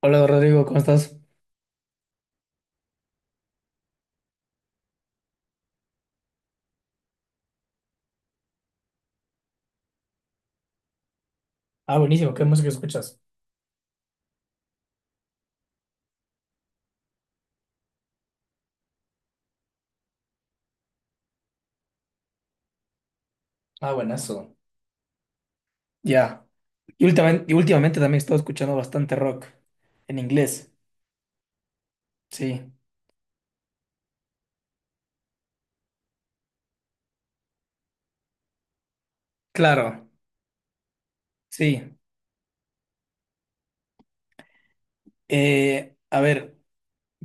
Hola Rodrigo, ¿cómo estás? Ah, buenísimo. ¿Qué música escuchas? Ah, buenazo. Ya. Y últimamente, también he estado escuchando bastante rock en inglés. Sí, claro, sí. A ver,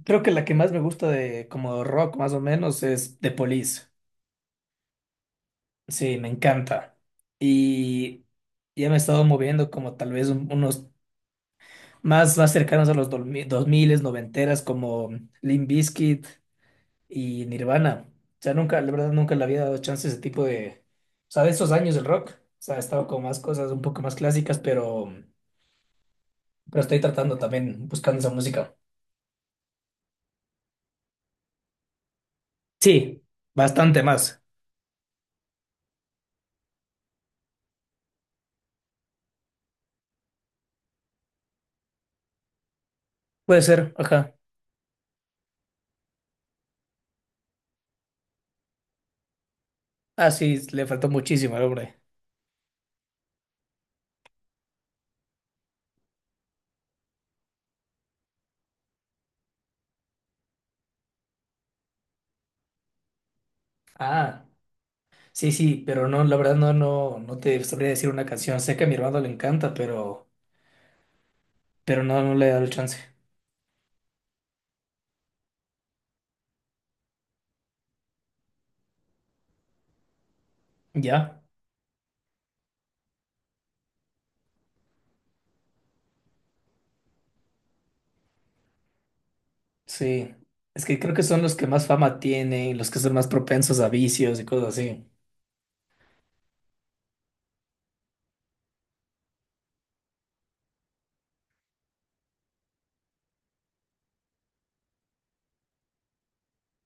creo que la que más me gusta de como rock más o menos es The Police. Sí, me encanta. Y ya me he estado moviendo como tal vez unos más, más cercanos a los 2000, noventeras como Limp Bizkit y Nirvana. O sea, nunca, la verdad, nunca le había dado chance a ese tipo o sea, de esos años del rock. O sea, estaba con más cosas un poco más clásicas, pero estoy tratando también, buscando esa música. Sí, bastante más. Puede ser, ajá. Ah, sí, le faltó muchísimo al hombre. Ah, sí, sí, pero no, la verdad no, no, no te sabría decir una canción. Sé que a mi hermano le encanta, pero no, no le he dado el chance. Ya, sí. Es que creo que son los que más fama tienen, los que son más propensos a vicios y cosas así.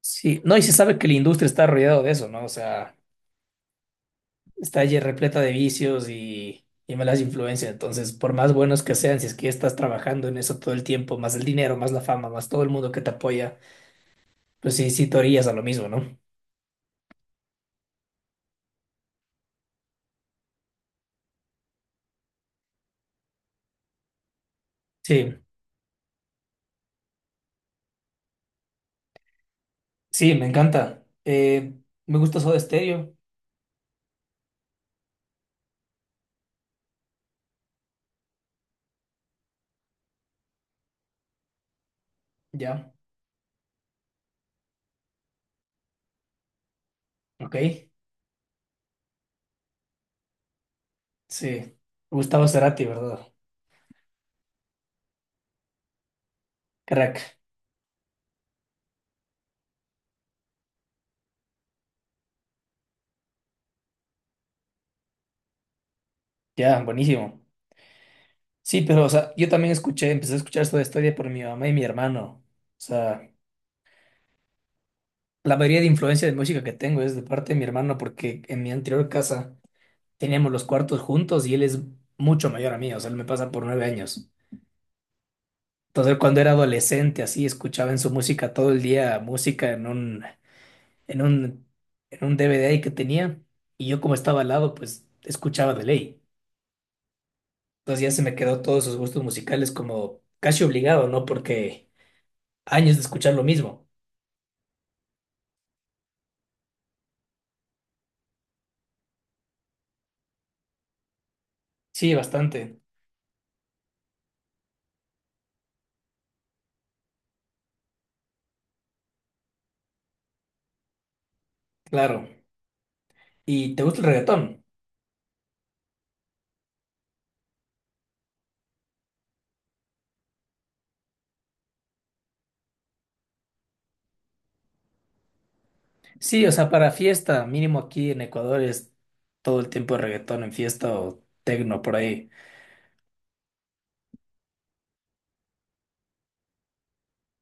Sí, no, y se sabe que la industria está rodeada de eso, ¿no? O sea, está allí repleta de vicios y malas influencias. Entonces, por más buenos que sean, si es que estás trabajando en eso todo el tiempo, más el dinero, más la fama, más todo el mundo que te apoya, pues sí, sí te orillas a lo mismo, ¿no? Sí, sí, me encanta. Me gusta Soda Stereo, ya, ok. Sí, Gustavo Cerati, ¿verdad? Crack, ya, buenísimo. Sí, pero, o sea, yo también escuché, empecé a escuchar Soda Stereo por mi mamá y mi hermano. O sea, la mayoría de influencia de música que tengo es de parte de mi hermano, porque en mi anterior casa teníamos los cuartos juntos y él es mucho mayor a mí, o sea, él me pasa por nueve años. Entonces, él cuando era adolescente, así, escuchaba en su música todo el día música en un, en un DVD ahí que tenía, y yo como estaba al lado, pues escuchaba de ley. Entonces ya se me quedó todos sus gustos musicales como casi obligado, ¿no? Porque años de escuchar lo mismo. Sí, bastante, claro. ¿Y te gusta el reggaetón? Sí, o sea, para fiesta, mínimo aquí en Ecuador es todo el tiempo reggaetón en fiesta o tecno por ahí.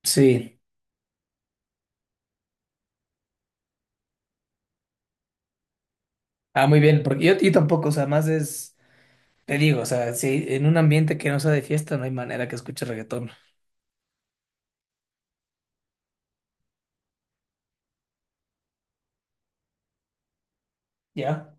Sí, ah, muy bien, porque yo tampoco, o sea, más es, te digo, o sea, si en un ambiente que no sea de fiesta no hay manera que escuche reggaetón, ¿ya?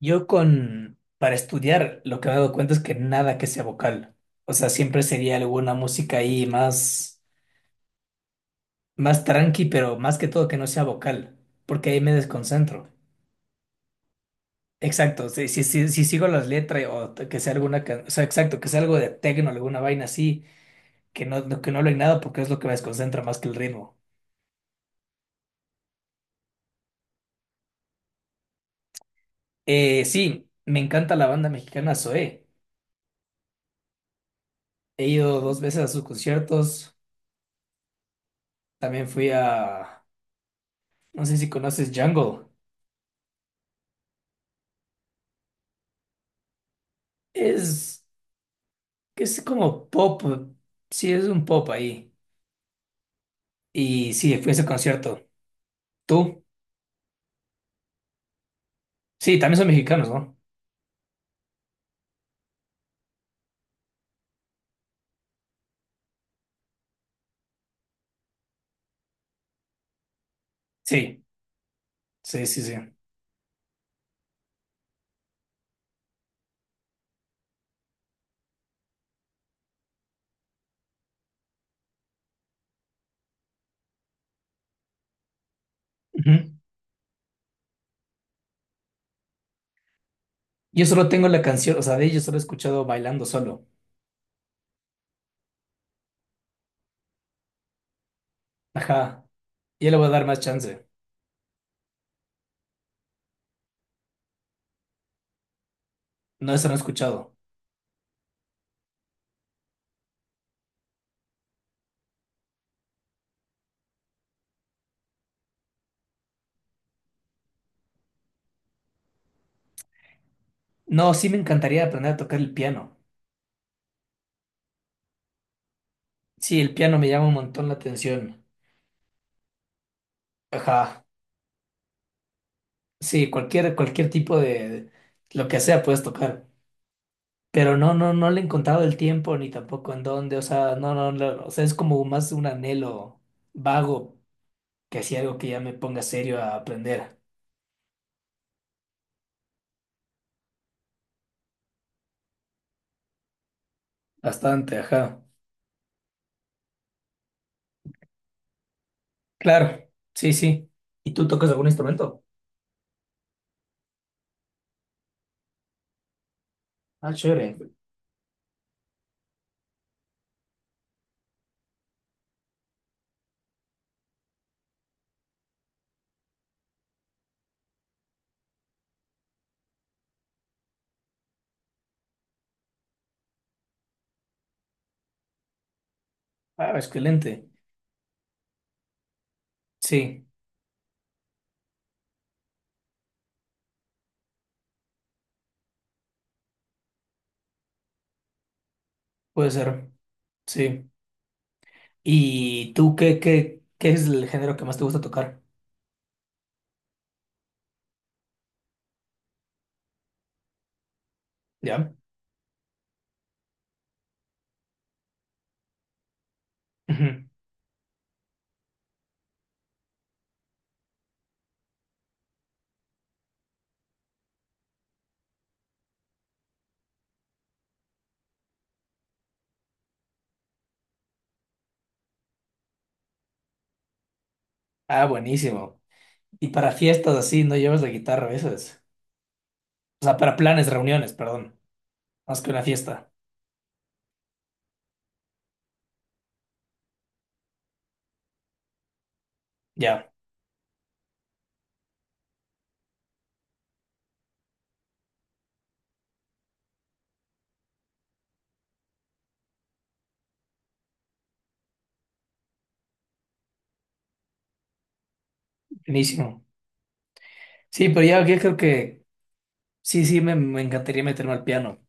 Yo con, para estudiar, lo que me he dado cuenta es que nada que sea vocal, o sea, siempre sería alguna música ahí más, más tranqui, pero más que todo que no sea vocal, porque ahí me desconcentro. Exacto, si, si, si, si sigo las letras que sea alguna, o sea, exacto, que sea algo de tecno, alguna vaina así, que que no hablen nada porque es lo que me desconcentra más que el ritmo. Sí, me encanta la banda mexicana Zoé. He ido dos veces a sus conciertos. También fui a, no sé si conoces Jungle. Es, es como pop, sí, es un pop ahí. Y sí, fui a ese concierto. ¿Tú? Sí, también son mexicanos, ¿no? Sí, sí, sí, sí. Ujú. Yo solo tengo la canción, o sea, de ellos solo he escuchado bailando solo. Ajá, ya le voy a dar más chance. No, eso no he escuchado. No, sí me encantaría aprender a tocar el piano. Sí, el piano me llama un montón la atención. Ajá, sí, cualquier, lo que sea puedes tocar. Pero no, no, no le he encontrado el tiempo ni tampoco en dónde, o sea, no, no, no, o sea, es como más un anhelo vago que así algo que ya me ponga serio a aprender. Bastante, ajá. Claro, sí, sí. ¿Y tú tocas algún instrumento? Ah, chévere. Ah, excelente. Sí, puede ser. Sí. ¿Y tú qué, qué es el género que más te gusta tocar? ¿Ya? Ujú. Ah, buenísimo. Y para fiestas así, ¿no llevas la guitarra a veces? O sea, para planes, reuniones, perdón. Más que una fiesta. Ya, buenísimo. Sí, pero ya, yo creo que sí, sí, me encantaría meterme al piano.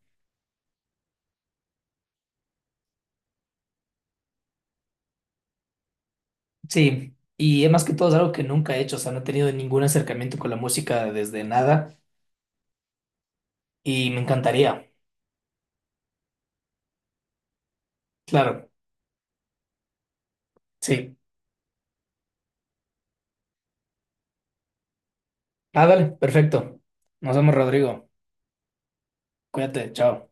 Sí. Y es más que todo es algo que nunca he hecho, o sea, no he tenido ningún acercamiento con la música desde nada y me encantaría. Claro, sí. Ah, dale, perfecto. Nos vemos, Rodrigo. Cuídate, chao.